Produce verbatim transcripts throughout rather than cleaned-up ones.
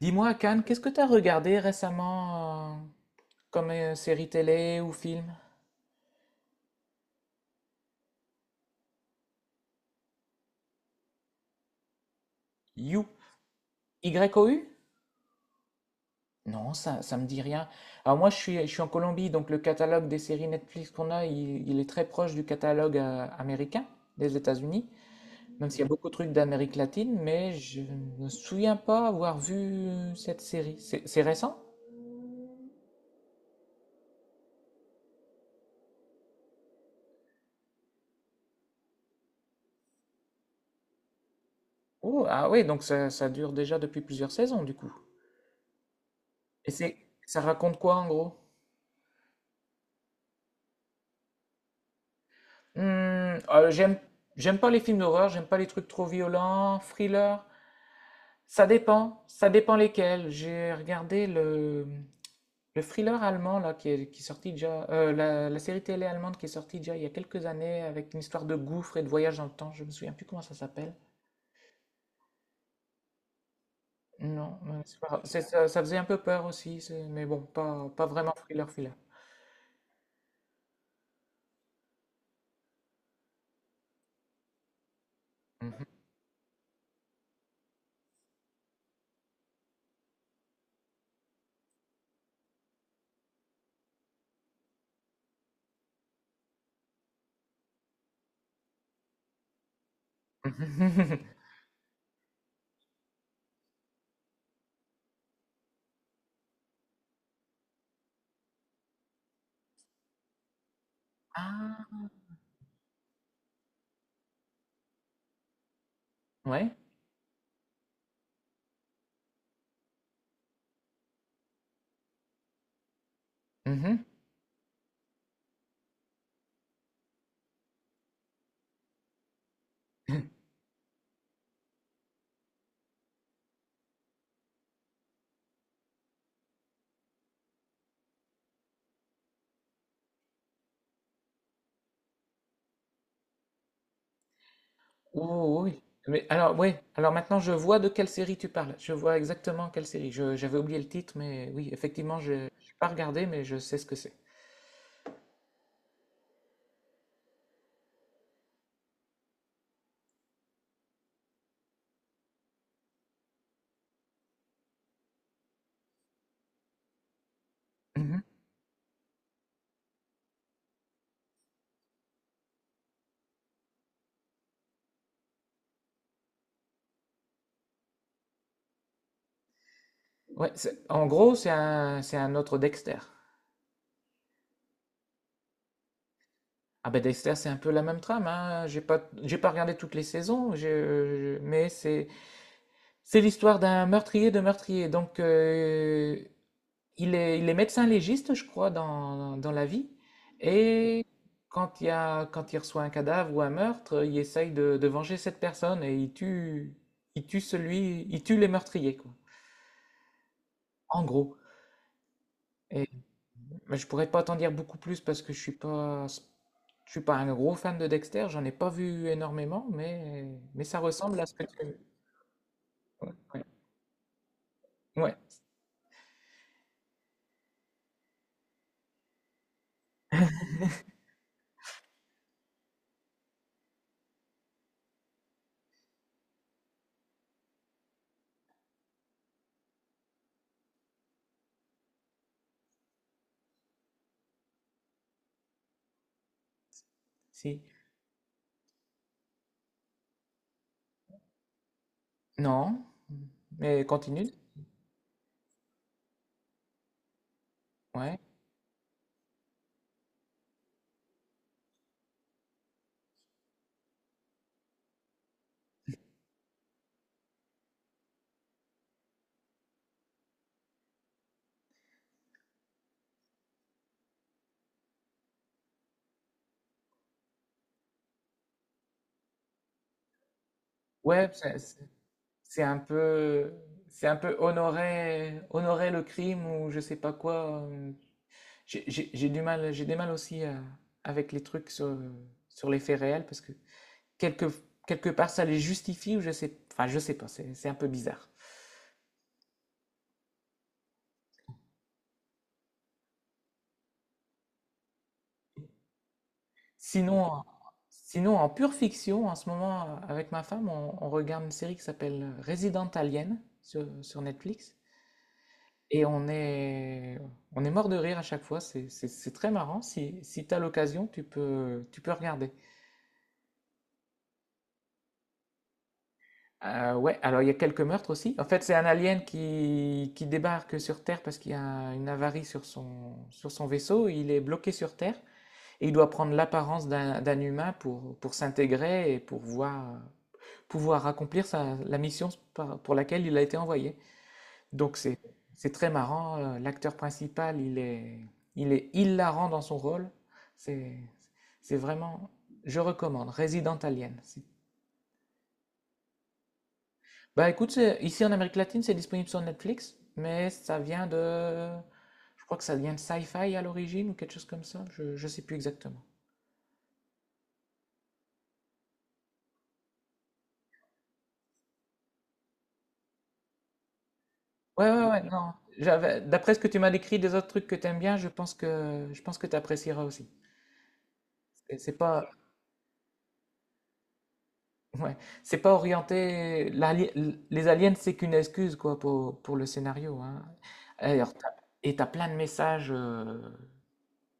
Dis-moi, Cannes, qu'est-ce que tu as regardé récemment euh, comme euh, série télé ou film? You. Y O U? Non, ça, ça me dit rien. Alors moi, je suis, je suis en Colombie, donc le catalogue des séries Netflix qu'on a, il, il est très proche du catalogue euh, américain des États-Unis, même s'il y a beaucoup de trucs d'Amérique latine, mais je ne me souviens pas avoir vu euh, cette série. C'est c'est récent? Oh, ah oui, donc ça, ça dure déjà depuis plusieurs saisons, du coup. Et c'est, ça raconte quoi en gros? Hmm, euh, j'aime, J'aime pas les films d'horreur, j'aime pas les trucs trop violents, thriller. Ça dépend, ça dépend lesquels. J'ai regardé le, le thriller allemand là qui est, qui est sorti déjà, euh, la, la série télé allemande qui est sortie déjà il y a quelques années avec une histoire de gouffre et de voyage dans le temps. Je me souviens plus comment ça s'appelle. Non, euh, c'est pas grave. C'est- ça, ça faisait un peu peur aussi, c'est- mais bon, pas, pas vraiment thriller thriller. Mhm. Ah, ouais. Mhm. Oh, oui. Mais alors, oui. Alors maintenant, je vois de quelle série tu parles. Je vois exactement quelle série. Je- j'avais oublié le titre, mais oui, effectivement, je n'ai pas regardé, mais je sais ce que c'est. Mhm. Ouais, c'est- en gros, c'est un, c'est un autre Dexter. Ah ben Dexter, c'est un peu la même trame, hein. J'ai pas, j'ai pas regardé toutes les saisons, je- je- mais c'est, c'est l'histoire d'un meurtrier de meurtrier. Donc, euh, Il est, il est médecin légiste, je crois, dans, dans la vie. Et quand il y a, quand il reçoit un cadavre ou un meurtre, il essaye de, de venger cette personne et il tue, il tue celui, il tue les meurtriers, quoi. En gros. Et, mais je pourrais pas t'en dire beaucoup plus parce que je suis pas, je suis pas un gros fan de Dexter. J'en ai pas vu énormément, mais, mais ça ressemble à ce que tu. Ouais, ouais. Ouais, si. Non, mais continue. Ouais. Ouais, c'est- C'est un peu, c'est un peu honorer, honorer le crime ou je sais pas quoi. euh, J'ai j'ai- j'ai du mal, j'ai des mal aussi à- avec les trucs sur, sur les faits réels parce que quelque, quelque part ça les justifie ou je sais, enfin je sais pas, c'est c'est un peu bizarre. Sinon, en- Sinon en pure fiction, en ce moment avec ma femme, on, on regarde une série qui s'appelle Resident Alien sur, sur Netflix. Et on est, on est mort de rire à chaque fois, c'est c'est- c'est très marrant. Si, si tu as l'occasion, tu peux, tu peux regarder. Euh, ouais, alors il y a quelques meurtres aussi. En fait, c'est un alien qui, qui débarque sur Terre parce qu'il y a une avarie sur son, sur son vaisseau. Il est bloqué sur Terre et il doit prendre l'apparence d'un d'un humain pour, pour s'intégrer et pour voir, pouvoir accomplir sa- la mission par- pour laquelle il a été envoyé. Donc c'est c'est très marrant. euh, L'acteur principal, il est il est hilarant dans son rôle. C'est c'est vraiment, je recommande. Resident Alien. C'est- Bah écoute, c'est- ici en Amérique latine, c'est disponible sur Netflix, mais ça vient de, je crois que ça vient de Sci-Fi à l'origine ou quelque chose comme ça. Je je sais plus exactement. Ouais, ouais, ouais, non. J'avais, d'après ce que tu m'as décrit des autres trucs que t'aimes bien, je pense que je pense que tu apprécieras aussi. C'est c'est pas Ouais, c'est pas orienté. l'ali- l- Les aliens, c'est qu'une excuse quoi pour, pour le scénario. Hein. Alors, t'as- et t'as plein de messages, euh,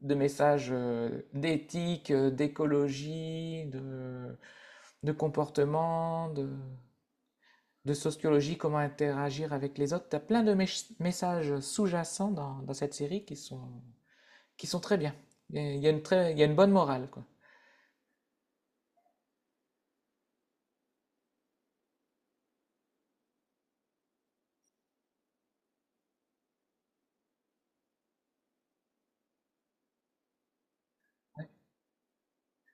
de messages euh, d'éthique, euh, d'écologie, de, de comportement, de, de sociologie, comment interagir avec les autres. T'as plein de mech- messages sous-jacents dans, dans cette série qui sont qui sont très bien. Il y a il y a une très, il y a une bonne morale quoi.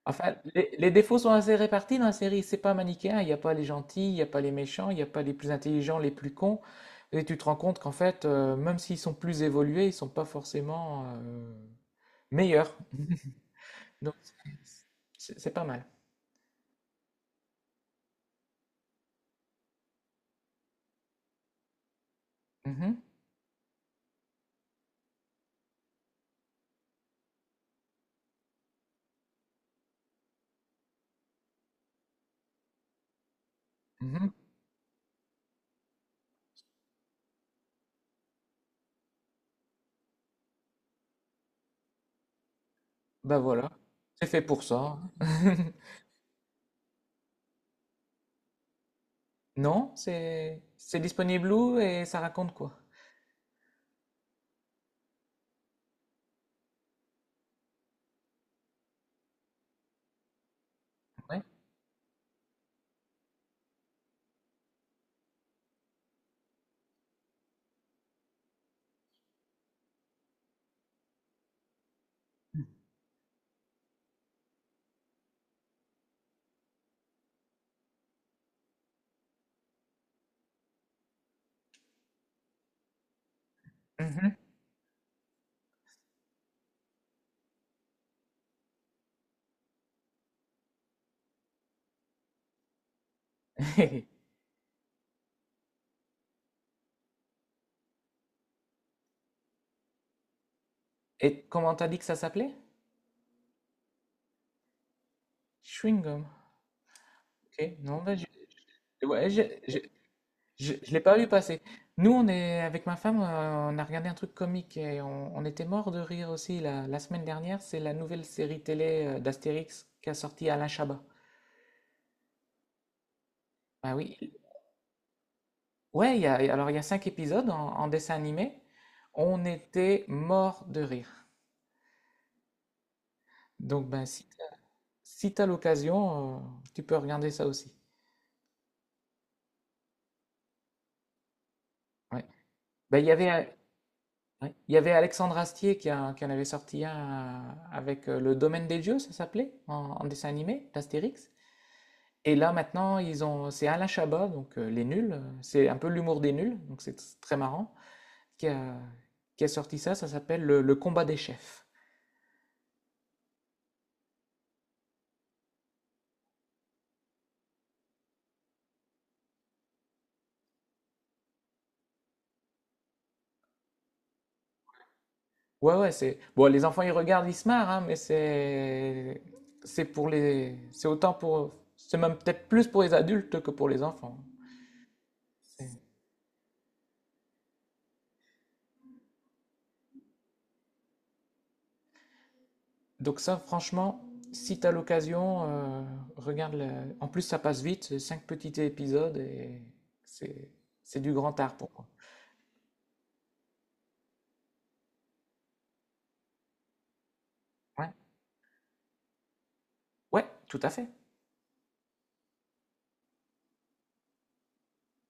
Enfin, les, les défauts sont assez répartis dans la série. C'est pas manichéen. Il n'y a pas les gentils, il n'y a pas les méchants, il n'y a pas les plus intelligents, les plus cons. Et tu te rends compte qu'en fait, euh, même s'ils sont plus évolués, ils sont pas forcément euh, meilleurs. Donc, c'est c'est pas mal. Mhm, mhm. Bah voilà. C'est fait pour ça. Non, c'est c'est disponible où et ça raconte quoi? Ouais. Mhm. Et comment t'as dit que ça s'appelait? Chewing gum. Ok. Non, bah, j'ai- ouais, j'ai- Je, je l'ai pas vu passer. Nous, on est avec ma femme, euh, on a regardé un truc comique et on, on était mort de rire aussi la, la semaine dernière. C'est la nouvelle série télé euh, d'Astérix qu'a sorti Alain Chabat. Bah oui, ouais. Il Y a, alors il y a cinq épisodes en, en dessin animé. On était mort de rire. Donc ben si, si t'as l'occasion, euh, tu peux regarder ça aussi. Ouais. Ben, il y avait, euh, ouais, il y avait Alexandre Astier qui, a- qui en avait sorti un euh, avec euh, le Domaine des Dieux, ça s'appelait, en, en dessin animé d'Astérix. Et là maintenant ils ont c'est Alain Chabat donc heu, Les Nuls, heu, c'est un peu l'humour des nuls, donc c'est tr très marrant, qui a qui a sorti ça, ça s'appelle le le combat des chefs. Ouais, ouais, c'est bon les enfants ils regardent, ils se marrent, hein, mais c'est c'est pour les c'est autant pour c'est même peut-être plus pour les adultes que pour les enfants. C'est Donc ça franchement, si t'as l'occasion, heu, regarde le en plus ça passe vite, c'est cinq petits épisodes et c'est c'est du grand art pour moi. Ouais, ouais, tout à fait.